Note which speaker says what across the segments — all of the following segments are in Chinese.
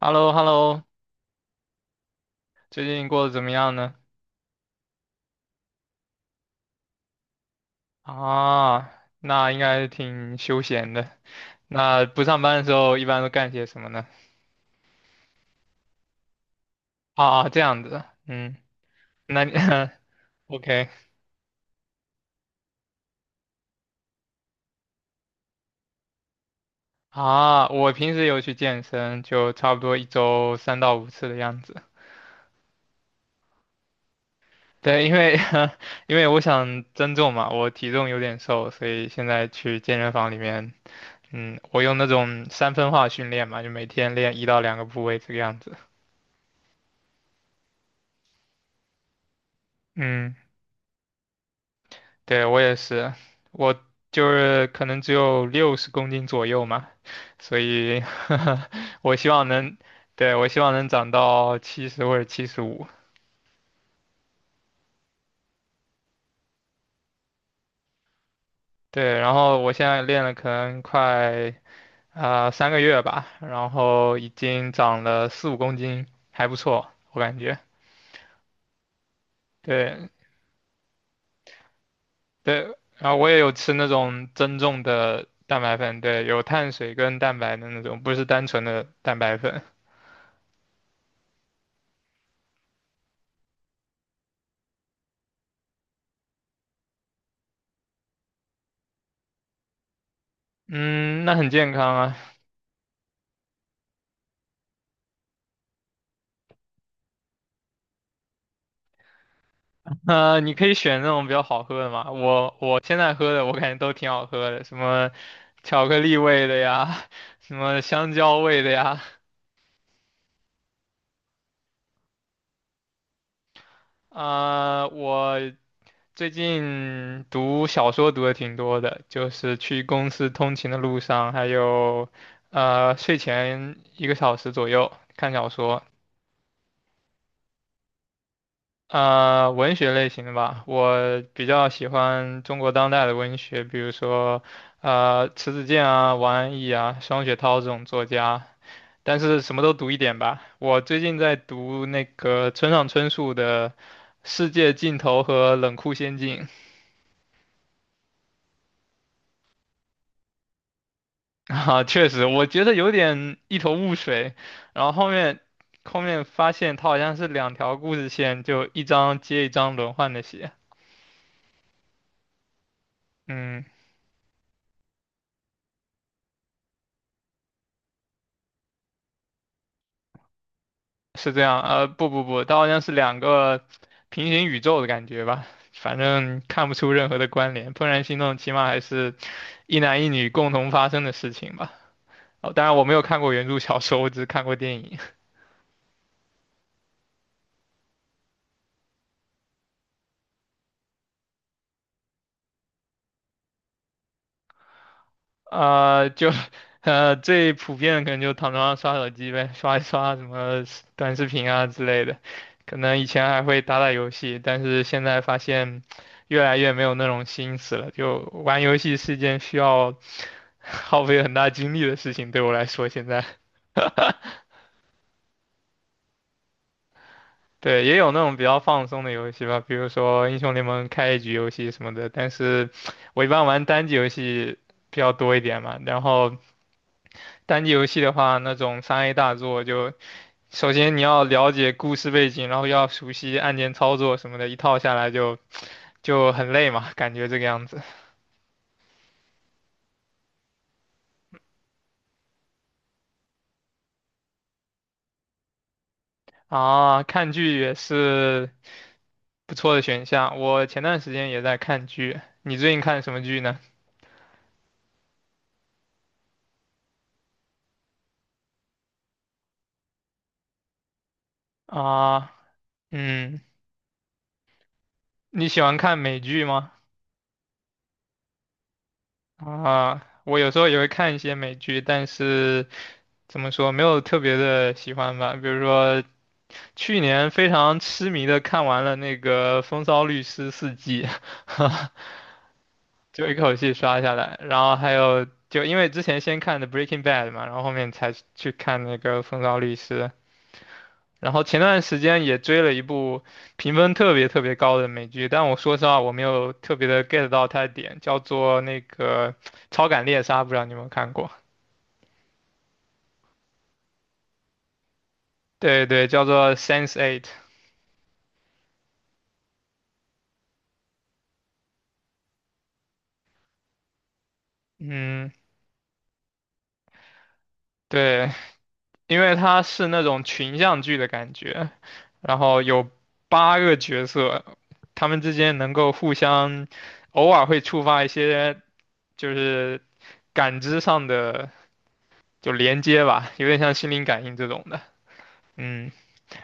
Speaker 1: h e l l o h e l l o。 最近过得怎么样呢？啊，那应该挺休闲的。那不上班的时候一般都干些什么呢？啊，这样子，嗯，那你 OK 啊？我平时有去健身，就差不多一周3到5次的样子。对，因为 因为我想增重嘛，我体重有点瘦，所以现在去健身房里面，嗯，我用那种三分化训练嘛，就每天练一到两个部位这个样子。嗯。对，我也是，我就是可能只有60公斤左右嘛，所以 我希望能，对，我希望能长到70或者75。对，然后我现在练了可能快3个月吧，然后已经长了4、5公斤，还不错，我感觉。对对，然后我也有吃那种增重的蛋白粉，对，有碳水跟蛋白的那种，不是单纯的蛋白粉。嗯，那很健康啊。你可以选那种比较好喝的嘛。我现在喝的，我感觉都挺好喝的，什么巧克力味的呀，什么香蕉味的呀。我最近读小说读的挺多的，就是去公司通勤的路上，还有睡前1个小时左右看小说。文学类型的吧，我比较喜欢中国当代的文学，比如说，迟子建啊、王安忆啊、双雪涛这种作家，但是什么都读一点吧。我最近在读那个村上春树的《世界尽头和冷酷仙境》。啊，确实，我觉得有点一头雾水，然后后面发现他好像是两条故事线，就一章接一章轮换的写，嗯。是这样，呃，不不不，它好像是两个平行宇宙的感觉吧，反正看不出任何的关联。怦然心动起码还是一男一女共同发生的事情吧。哦，当然我没有看过原著小说，我只是看过电影。就最普遍的可能就躺床上刷手机呗，刷一刷什么短视频啊之类的。可能以前还会打打游戏，但是现在发现越来越没有那种心思了，就玩游戏是一件需要。耗费很大精力的事情，对我来说现在。对，也有那种比较放松的游戏吧，比如说英雄联盟开一局游戏什么的。但是我一般玩单机游戏比较多一点嘛。然后单机游戏的话，那种3A 大作就，首先你要了解故事背景，然后要熟悉按键操作什么的，一套下来就很累嘛，感觉这个样子。啊，看剧也是不错的选项，我前段时间也在看剧。你最近看什么剧呢？啊。嗯，你喜欢看美剧吗？啊，我有时候也会看一些美剧，但是怎么说，没有特别的喜欢吧。比如说，去年非常痴迷的看完了那个《风骚律师》4季，就一口气刷下来。然后还有，就因为之前先看的《Breaking Bad》嘛，然后后面才去看那个《风骚律师》。然后前段时间也追了一部评分特别特别高的美剧，但我说实话我没有特别的 get 到它的点，叫做那个《超感猎杀》，不知道你有没有看过？对对，叫做《Sense Eight》。嗯，对，因为它是那种群像剧的感觉，然后有八个角色，他们之间能够互相，偶尔会触发一些就是感知上的就连接吧，有点像心灵感应这种的。嗯。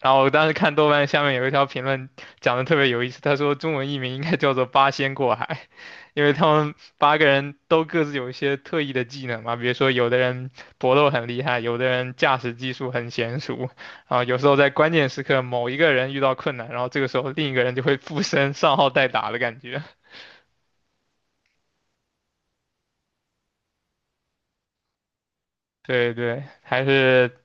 Speaker 1: 然后我当时看豆瓣下面有一条评论讲的特别有意思，他说中文译名应该叫做"八仙过海"，因为他们8个人都各自有一些特异的技能嘛，比如说有的人搏斗很厉害，有的人驾驶技术很娴熟，啊，有时候在关键时刻某一个人遇到困难，然后这个时候另一个人就会附身上号代打的感觉。对对，还是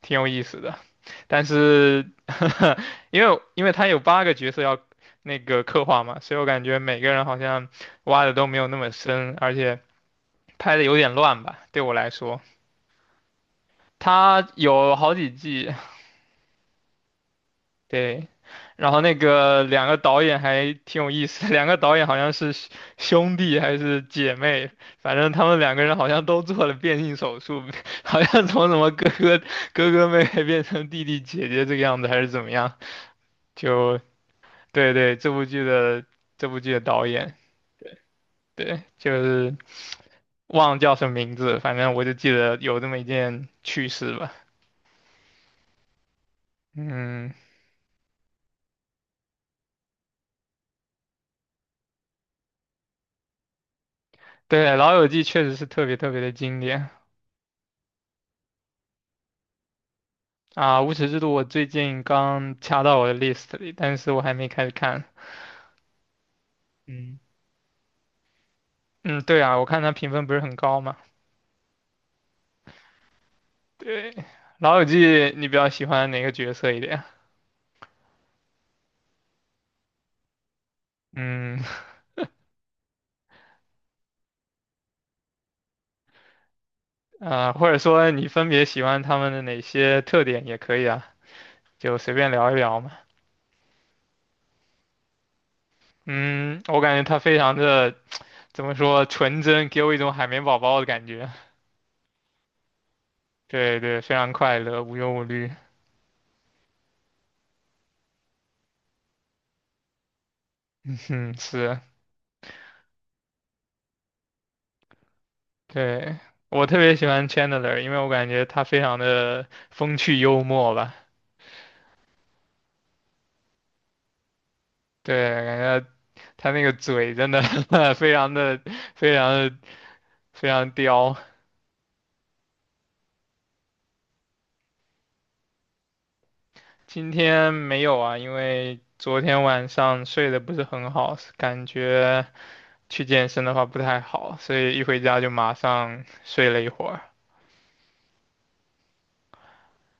Speaker 1: 挺有意思的。但是 因为他有8个角色要那个刻画嘛，所以我感觉每个人好像挖的都没有那么深，而且拍的有点乱吧，对我来说，他有好几季，对，然后那个两个导演还挺有意思的，两个导演好像是兄弟还是姐妹，反正他们2个人好像都做了变性手术，好像从什么哥哥妹妹变成弟弟姐姐这个样子，还是怎么样，就对对，这部剧的导演，对，就是忘了叫什么名字，反正我就记得有这么一件趣事吧。嗯，对，《老友记》确实是特别特别的经典啊，无耻之徒》我最近刚掐到我的 list 里，但是我还没开始看。嗯嗯，对啊，我看它评分不是很高嘛。对，《老友记》你比较喜欢哪个角色一点啊？嗯或者说你分别喜欢他们的哪些特点也可以啊，就随便聊一聊嘛。嗯，我感觉他非常的怎么说纯真，给我一种海绵宝宝的感觉。对对，非常快乐，无忧无虑。嗯，是，对，我特别喜欢 Chandler，因为我感觉他非常的风趣幽默吧。对，感觉他那个嘴真的 非常的非常的非常刁。今天没有啊，因为昨天晚上睡得不是很好，感觉去健身的话不太好，所以一回家就马上睡了一会儿。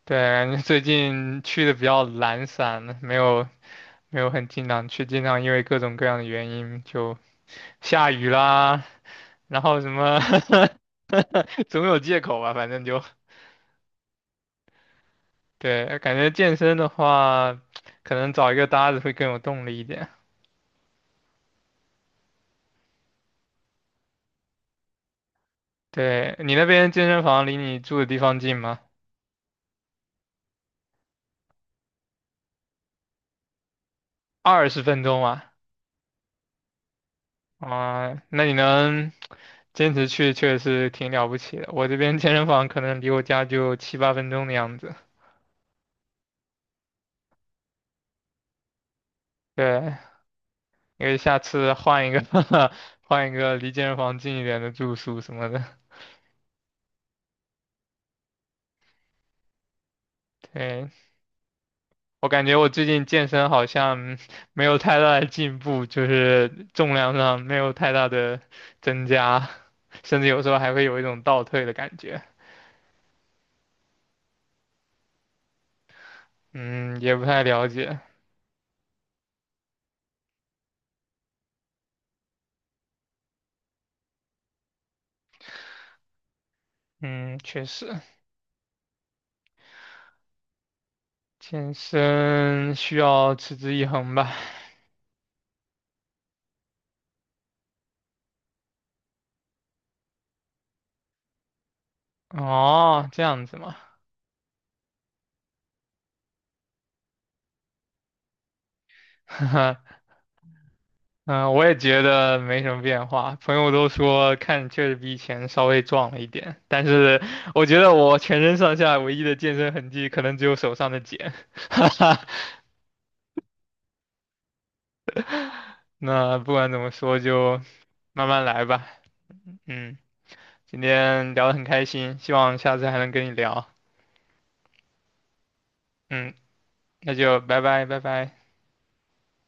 Speaker 1: 对，感觉最近去的比较懒散，没有很经常去，经常因为各种各样的原因就下雨啦，然后什么 总有借口吧，反正就对，感觉健身的话，可能找一个搭子会更有动力一点。对，你那边健身房离你住的地方近吗？20分钟啊，那你能坚持去确实挺了不起的。我这边健身房可能离我家就7、8分钟的样子。对，因为下次换一个 换一个离健身房近一点的住宿什么的。对，我感觉我最近健身好像 没有太大的进步，就是重量上没有太大的增加，甚至有时候还会有一种倒退的感觉。嗯，也不太了解。嗯，确实，健身需要持之以恒吧。哦，这样子嘛。嗯，我也觉得没什么变化。朋友都说看确实比以前稍微壮了一点，但是我觉得我全身上下唯一的健身痕迹可能只有手上的茧。哈哈，那不管怎么说，就慢慢来吧。嗯，今天聊得很开心，希望下次还能跟你聊。嗯，那就拜拜，拜拜。